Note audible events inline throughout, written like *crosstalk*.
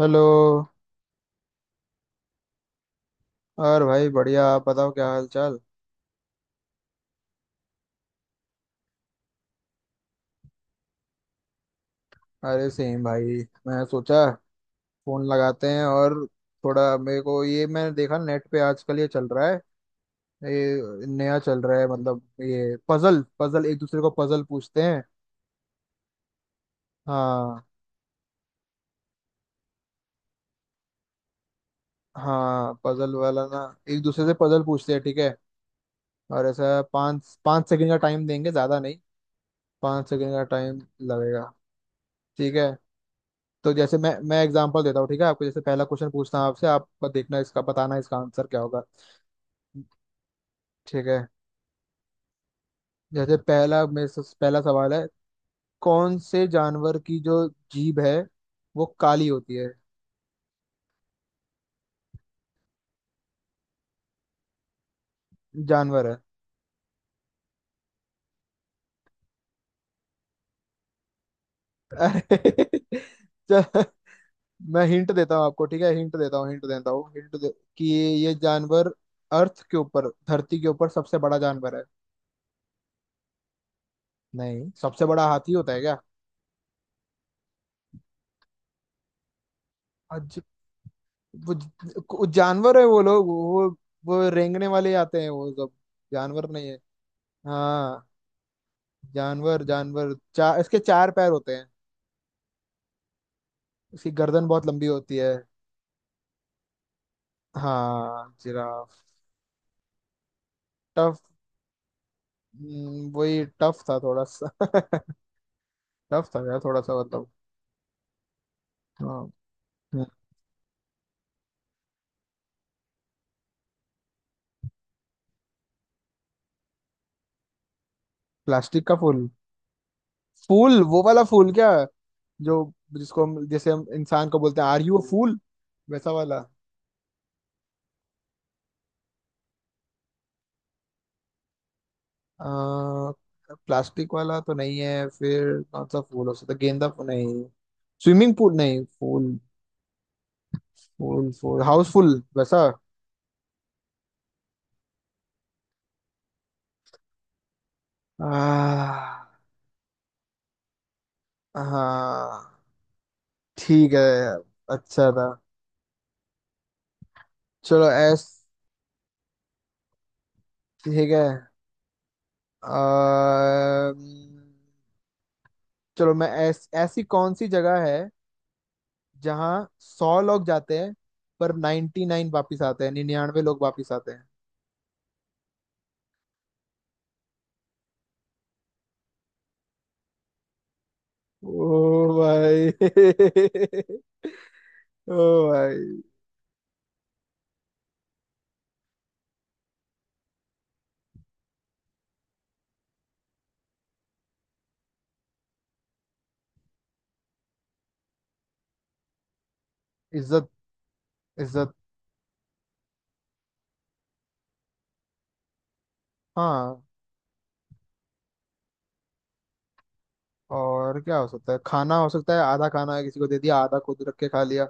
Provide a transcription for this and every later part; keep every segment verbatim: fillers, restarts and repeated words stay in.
Hello. और भाई बढ़िया, आप बताओ क्या हाल चाल। अरे सेम भाई, मैं सोचा फोन लगाते हैं और थोड़ा मेरे को, ये मैंने देखा नेट पे आजकल ये चल रहा है, ये नया चल रहा है, मतलब ये पजल पजल एक दूसरे को पजल पूछते हैं। हाँ। हाँ, पजल वाला ना, एक दूसरे से पजल पूछते हैं, ठीक है। और ऐसा पाँच पाँच सेकंड का टाइम देंगे, ज्यादा नहीं, पाँच सेकंड का टाइम लगेगा, ठीक है। तो जैसे मैं मैं एग्जांपल देता हूँ, ठीक है? आपको जैसे पहला क्वेश्चन पूछता हूँ आपसे, आप देखना इसका, बताना इसका आंसर क्या होगा। ठीक है। जैसे पहला, मेरे से पहला सवाल है, कौन से जानवर की जो जीभ है, वो काली होती है? जानवर है। *laughs* अरे, चल, मैं हिंट देता हूँ आपको, ठीक है? हिंट देता हूँ हिंट देता हूँ हिंट दे, कि ये जानवर अर्थ के ऊपर, धरती के ऊपर सबसे बड़ा जानवर है। नहीं, सबसे बड़ा हाथी होता है क्या? आज वो वो जानवर है, वो लोग, वो वो रेंगने वाले आते हैं वो सब जानवर नहीं है। हाँ, जानवर जानवर चार, इसके चार पैर होते हैं। इसकी गर्दन बहुत लंबी होती है। हाँ, जिराफ। टफ। हम्म, वही टफ था थोड़ा सा। *laughs* टफ था यार, थोड़ा सा, मतलब। हाँ। हम्म, प्लास्टिक का फूल। फूल, वो वाला फूल, क्या जो, जिसको हम, जैसे हम इंसान को बोलते हैं आर यू अ फूल, वैसा वाला। प्लास्टिक वाला तो नहीं है, फिर कौन सा फूल हो सकता है? गेंदा फूल नहीं, स्विमिंग पूल नहीं, फूल फूल फूल हाउसफुल वैसा। आ, हाँ, ठीक है, अच्छा था। चलो ऐस ठीक है। आ, चलो मैं ऐस, ऐसी कौन सी जगह है जहाँ सौ लोग जाते हैं पर नाइन्टी नाइन वापिस आते हैं, निन्यानवे लोग वापिस आते हैं। ओ भाई। *laughs* ओ भाई। इज्जत। इज्जत। हाँ, और क्या हो सकता है? खाना हो सकता है, आधा खाना है, किसी को दे दिया, आधा खुद रख के खा लिया।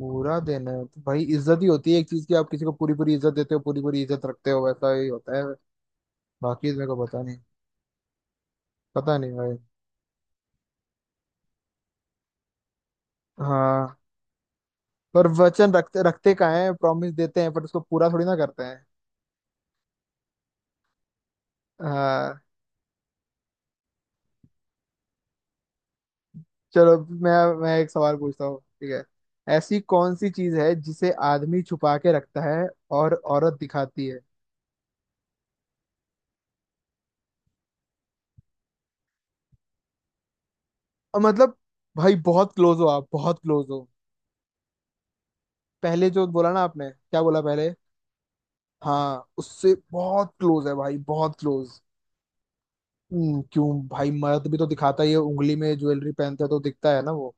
पूरा दिन है तो भाई इज्जत ही होती है एक चीज की, आप किसी को पूरी पूरी इज्जत देते हो, पूरी पूरी इज्जत रखते हो, वैसा ही होता है। बाकी तो मेरे को पता नहीं। पता नहीं भाई। हाँ, पर वचन रखते रखते का है, प्रॉमिस देते हैं पर उसको पूरा थोड़ी ना करते हैं। हाँ। चलो मैं मैं एक सवाल पूछता हूँ, ठीक है? ऐसी कौन सी चीज है जिसे आदमी छुपा के रखता है और औरत दिखाती है? और मतलब भाई बहुत क्लोज हो आप, बहुत क्लोज हो। पहले जो बोला ना आपने, क्या बोला पहले? हाँ, उससे बहुत क्लोज है भाई, बहुत क्लोज। हम्म, क्यों भाई, मर्द भी तो दिखाता ही है, उंगली में ज्वेलरी पहनते है तो दिखता है ना वो।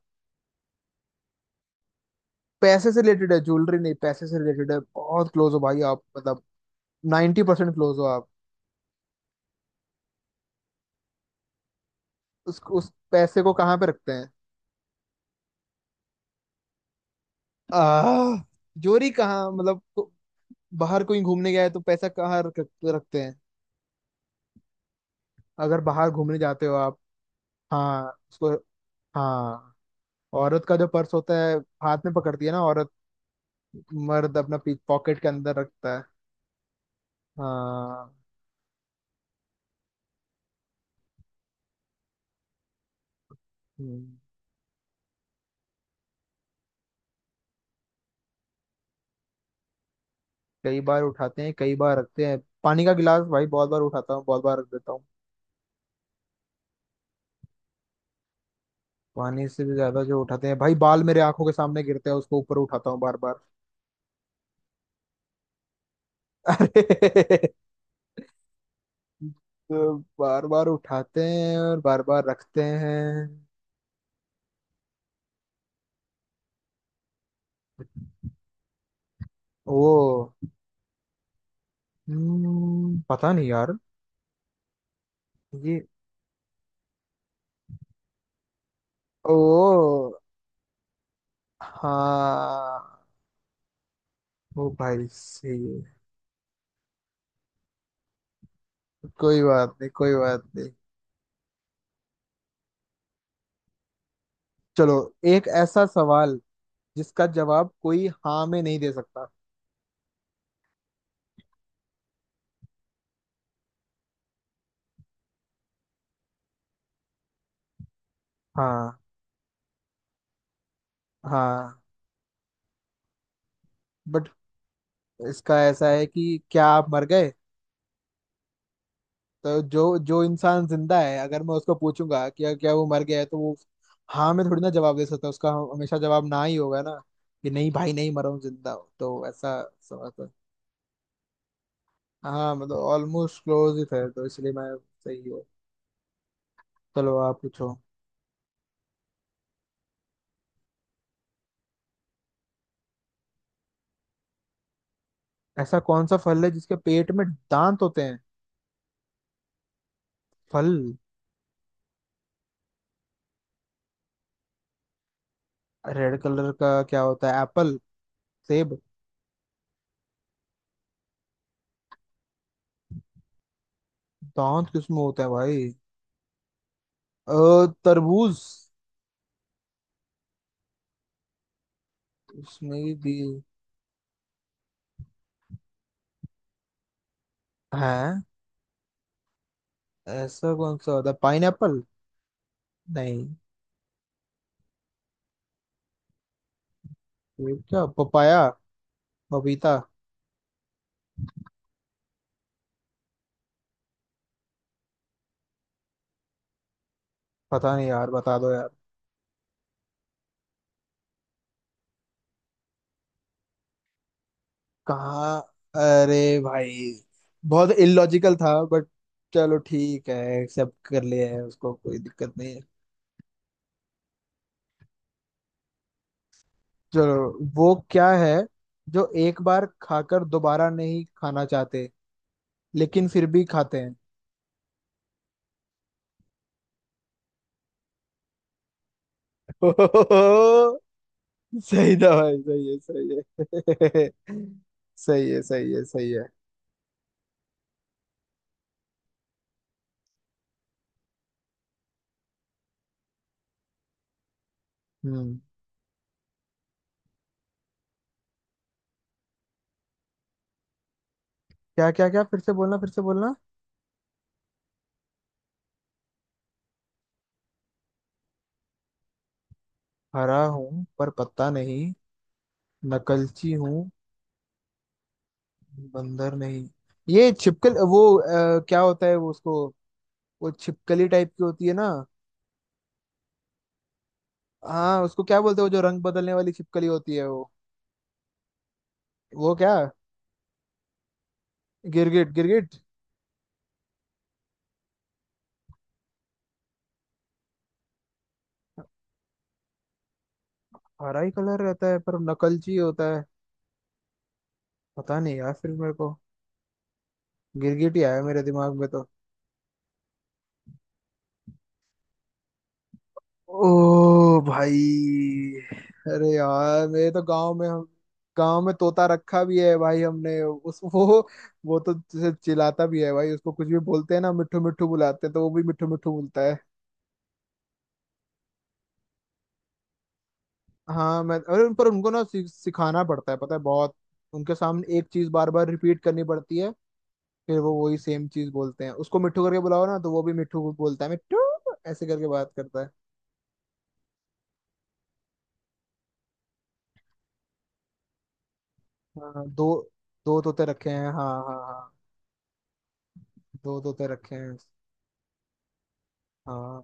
पैसे से रिलेटेड है, ज्वेलरी नहीं, पैसे से रिलेटेड है, बहुत क्लोज हो भाई आप, मतलब 90% परसेंट क्लोज हो आप। उस उस पैसे को कहाँ पे रखते हैं? आह, जोरी कहाँ, मतलब को- बाहर कोई घूमने गया है तो पैसा कहाँ रख, रखते हैं? अगर बाहर घूमने जाते हो आप? हाँ उसको। हाँ, औरत का जो पर्स होता है, हाथ में पकड़ती है ना औरत, मर्द अपना पॉकेट के अंदर रखता है। हाँ। हम्म, कई बार उठाते हैं कई बार रखते हैं, पानी का गिलास? भाई बहुत बार उठाता हूँ, बहुत बार रख देता हूँ। पानी से भी ज्यादा जो उठाते हैं? भाई बाल मेरे आंखों के सामने गिरते हैं, उसको ऊपर उठाता हूँ बार बार। *laughs* अरे, तो बार बार उठाते हैं और बार बार रखते हैं। ओ। हम्म, पता नहीं यार। ये ओ। हाँ। ओ भाई सही है। कोई बात नहीं, कोई बात नहीं। चलो, एक ऐसा सवाल जिसका जवाब कोई हाँ में नहीं दे सकता। हाँ। हाँ। बट इसका ऐसा है कि क्या आप मर गए? तो जो जो इंसान जिंदा है, अगर मैं उसको पूछूंगा कि क्या क्या वो मर गया है, तो वो हाँ में थोड़ी ना जवाब दे सकता है, उसका हमेशा जवाब ना ही होगा ना, कि नहीं भाई, नहीं मरा हूँ, जिंदा हूँ, तो ऐसा सवाल था। हाँ मतलब ऑलमोस्ट क्लोज ही थे तो इसलिए मैं सही हूँ। चलो आप पूछो। ऐसा कौन सा फल है जिसके पेट में दांत होते हैं? फल। रेड कलर का क्या होता है, एप्पल, सेब? दांत किसमें होता है भाई? अ, तरबूज। उसमें भी है, ऐसा कौन सा होता है, पाइन एप्पल? नहीं। ये क्या, पपाया, पपीता? पता नहीं यार, बता दो यार। कहाँ? अरे भाई, बहुत इलॉजिकल था बट चलो ठीक है, एक्सेप्ट कर लिया है उसको, कोई दिक्कत नहीं है। चलो, वो क्या है जो एक बार खाकर दोबारा नहीं खाना चाहते, लेकिन फिर भी खाते हैं? *laughs* सही था भाई, सही है, सही है। *laughs* सही है, सही है, सही है। हम्म। क्या क्या क्या, फिर से बोलना, फिर से बोलना। हरा हूँ पर पत्ता नहीं, नकलची हूँ, बंदर नहीं, ये छिपकल वो अ, क्या होता है वो, उसको, वो छिपकली टाइप की होती है ना। हाँ, उसको क्या बोलते हैं वो, जो रंग बदलने वाली छिपकली होती है वो वो क्या, गिरगिट, गिरगिट। हरा ही कलर रहता है पर नकलची होता है। पता नहीं यार, फिर मेरे को गिरगिट ही आया मेरे दिमाग में तो। ओ भाई। अरे यार, मेरे तो गांव में, हम गांव में तोता रखा भी है भाई हमने, उस वो वो तो जैसे चिल्लाता भी है भाई, उसको कुछ भी बोलते हैं ना, मिट्ठू मिट्ठू बुलाते हैं तो वो भी मिट्ठू मिट्ठू बोलता है। हाँ मैं, अरे उन पर उनको ना सि- सिखाना पड़ता है, पता है, बहुत उनके सामने एक चीज बार बार रिपीट करनी पड़ती है, फिर वो वही सेम चीज बोलते हैं। उसको मिट्ठू करके बुलाओ ना, तो वो भी मिट्ठू बोलता है, मिट्ठू। ऐसे करके बात करता है। हाँ, दो दो तोते रखे हैं, हाँ हाँ हाँ, दो तोते रखे हैं। हाँ,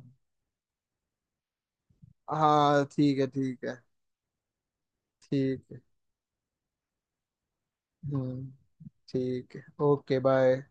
हाँ, ठीक है, ठीक है, ठीक है। हम्म। ठीक है, ओके, बाय।